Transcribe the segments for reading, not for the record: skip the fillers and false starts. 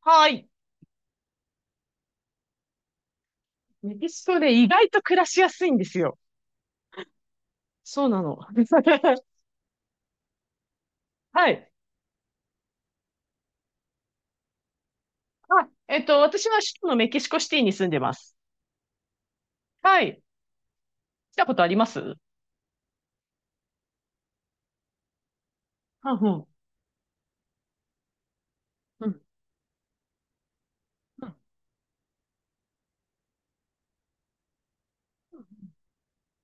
はい。メキシコで意外と暮らしやすいんですよ。そうなの。はい。私は首都のメキシコシティに住んでます。はい。来たことあります？うん。うん。うん。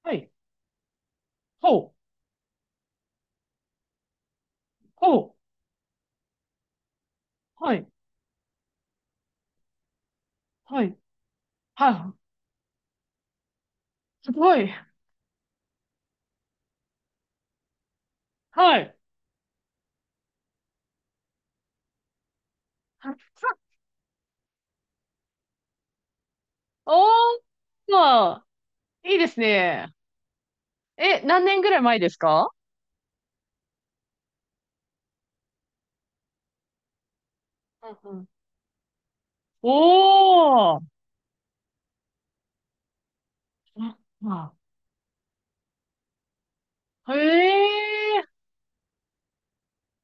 はい。ほう。ほう。はい。はい。はい。すごい。はい。は。おー。まあ、いいですね。え、何年ぐらい前ですか？うんうん。おー。あ、まあ、へえ。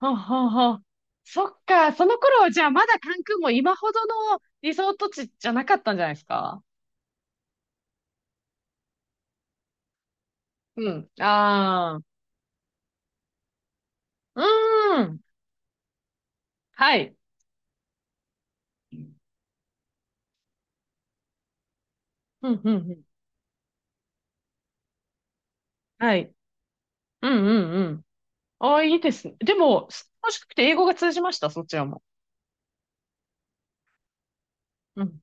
ほうほうほう。そっか、その頃、じゃあまだ関空も今ほどのリゾート地じゃなかったんじゃないですか？うん。ああ、うーん。はい。うん、うん、うん。はい。うん、うん、うん。ああ、いいですね。でも、楽しくて英語が通じました、そちらも。うん。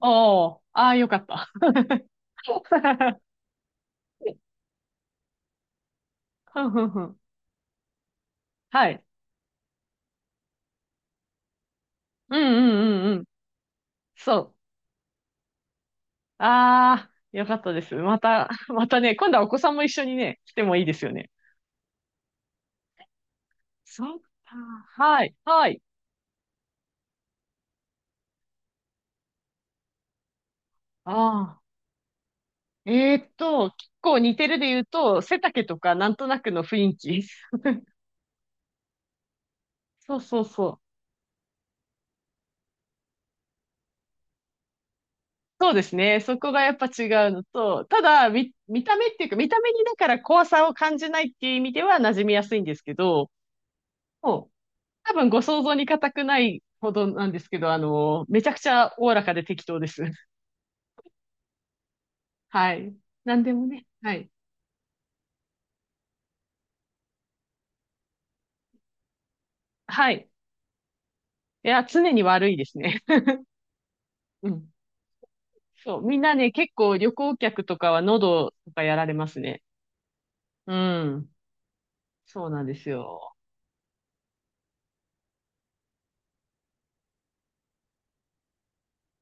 おー、ああ、よかった。ふんふんふん。はい。うんうんうんうん。そう。ああ、よかったです。また、またね、今度はお子さんも一緒にね、来てもいいですよね。そっか。はい。はい。ああ。結構似てるで言うと、背丈とかなんとなくの雰囲気。そうそうそう。そうですね。そこがやっぱ違うのと、ただ、見た目っていうか、見た目にだから怖さを感じないっていう意味では馴染みやすいんですけど、もう、多分ご想像に難くないほどなんですけど、めちゃくちゃおおらかで適当です。はい。なんでもね。はい。はい。いや、常に悪いですね。うん。そう、みんなね、結構旅行客とかは喉とかやられますね。うん。そうなんですよ。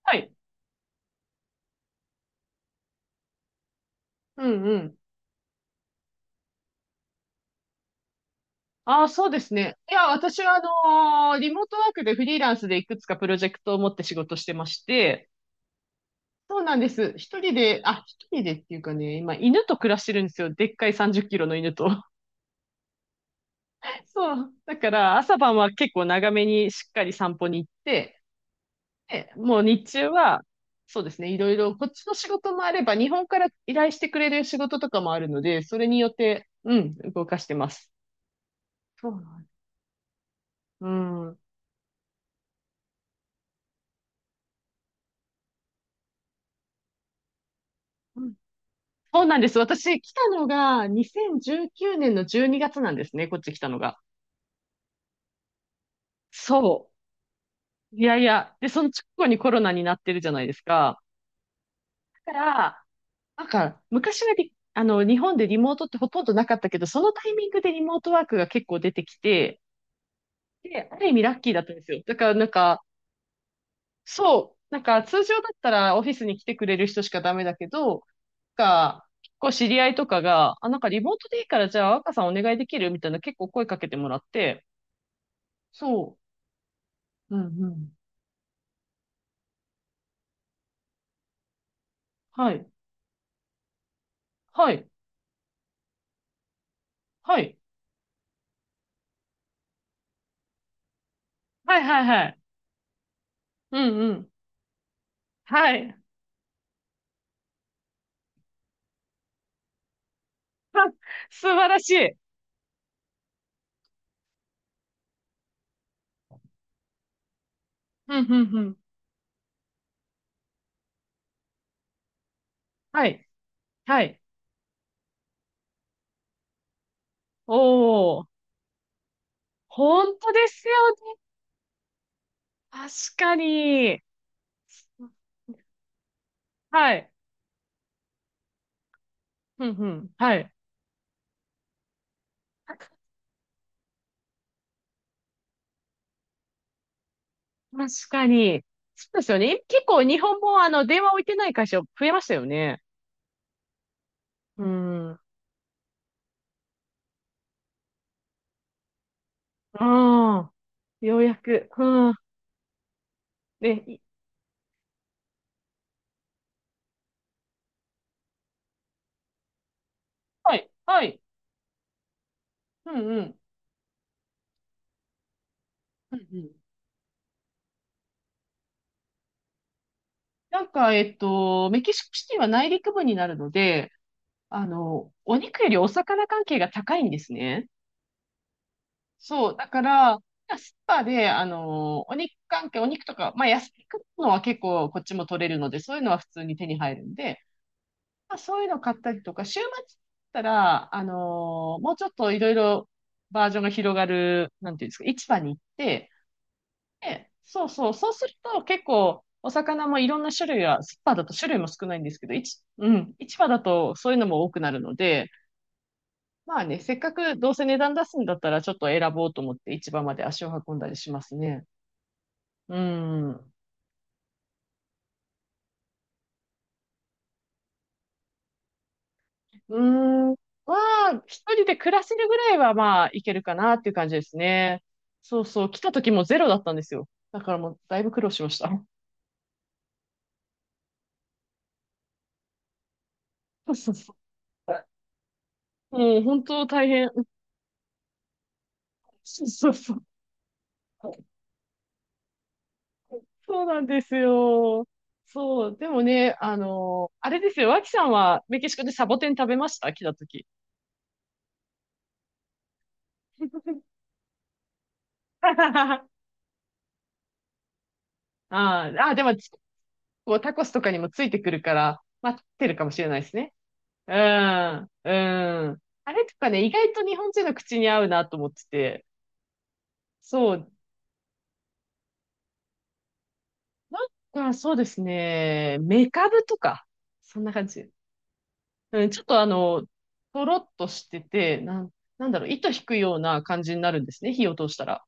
はい。うんうん。ああ、そうですね。いや、私はリモートワークでフリーランスでいくつかプロジェクトを持って仕事してまして、そうなんです。一人で、あ、一人でっていうかね、今犬と暮らしてるんですよ。でっかい30キロの犬と。そう。だから朝晩は結構長めにしっかり散歩に行って、で、もう日中は、そうですね、いろいろ、こっちの仕事もあれば、日本から依頼してくれる仕事とかもあるので、それによって、うん、動かしてます。そうなんです。うん。うん。そうなんです。私、来たのが2019年の12月なんですね、こっち来たのが。そう。いやいや。で、その直後にコロナになってるじゃないですか。だから、なんか、昔はリあの、日本でリモートってほとんどなかったけど、そのタイミングでリモートワークが結構出てきて、で、ある意味ラッキーだったんですよ。だから、なんか、そう。なんか通常だったらオフィスに来てくれる人しかダメだけど、なんか、結構知り合いとかが、あ、なんかリモートでいいからじゃあ若さんお願いできるみたいな結構声かけてもらって、そう。うんうん。はい。はい。はい。はいはいはい。うんうん。はい。素晴らしい。うんうんうん。はい。はい。おー。本当ですよね。確かに。はい。うんうん。はい。確かに。そうですよね。結構日本も電話置いてない会社増えましたよね。うん。うん。ようやく。うん。で、い、はい、はい。うんうん。うんうん。なんか、メキシコシティは内陸部になるので、あの、お肉よりお魚関係が高いんですね。そう、だから、スーパーで、あの、お肉関係、お肉とか、まあ、野菜買うのは結構こっちも取れるので、そういうのは普通に手に入るんで、まあ、そういうの買ったりとか、週末だったら、もうちょっといろいろバージョンが広がる、なんていうんですか、市場に行って、で、そうそう、そうすると結構、お魚もいろんな種類が、スーパーだと種類も少ないんですけど、うん、市場だとそういうのも多くなるので、まあね、せっかくどうせ値段出すんだったら、ちょっと選ぼうと思って市場まで足を運んだりしますね。うん。うーん。まあ、一人で暮らせるぐらいはまあ、いけるかなっていう感じですね。そうそう。来た時もゼロだったんですよ。だからもう、だいぶ苦労しました。そうそうそう。もう、本当大変。そうそうそう。そうなんですよ。そう。でもね、あのあれですよ。脇さんはメキシコでサボテン食べました？来た時。ああ、ああ、でも、こうタコスとかにもついてくるから、待ってるかもしれないですね。うん、うん。あれとかね、意外と日本人の口に合うなと思ってて。そう。なんか、そうですね。メカブとか。そんな感じ。うん、ちょっととろっとしてて、なんだろう、糸引くような感じになるんですね。火を通したら。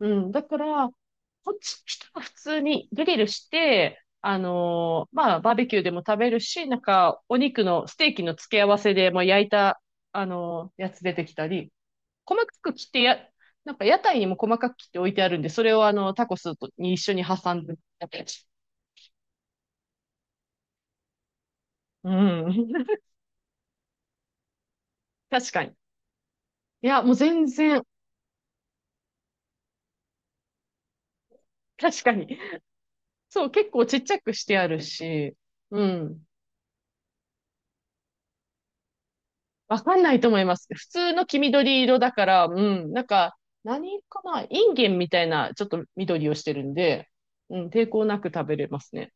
うん。だから、こっち、人は普通にグリルして、まあ、バーベキューでも食べるし、なんか、お肉の、ステーキの付け合わせでもう焼いた、やつ出てきたり、細かく切ってや、なんか屋台にも細かく切って置いてあるんで、それをあの、タコスとに一緒に挟んでやったやつ。うん。確かに。いや、もう全然、確かに。そう、結構ちっちゃくしてあるし、うん。わかんないと思います。普通の黄緑色だから、うん。なんか、何かなインゲンみたいな、ちょっと緑をしてるんで、うん、抵抗なく食べれますね。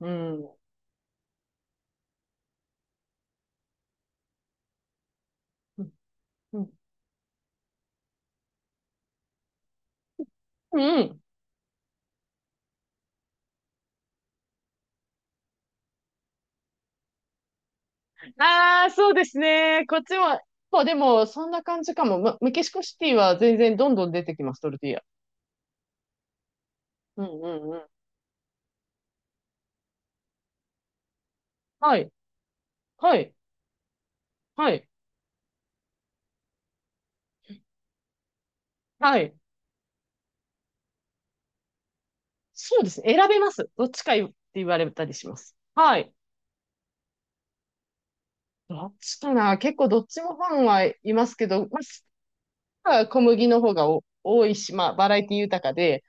うん。うん。うん。うん。ああ、そうですね。こっちも、そうでも、そんな感じかも。ま、メキシコシティは全然どんどん出てきます、トルティーヤ。うんうんうん。はい、はい、はい、はい。そうですね。選べます。どっちかって言われたりします。はい。どっちかな。結構どっちもファンはいますけど、まあ、小麦の方がお多いし、まあ、バラエティ豊かで、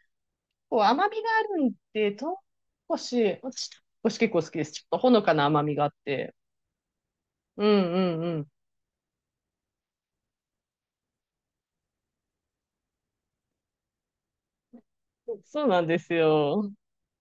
こう甘みがあるんで、唐辛子、私、唐辛子結構好きです。ちょっとほのかな甘みがあって。うんうんうん。そうなんですよ。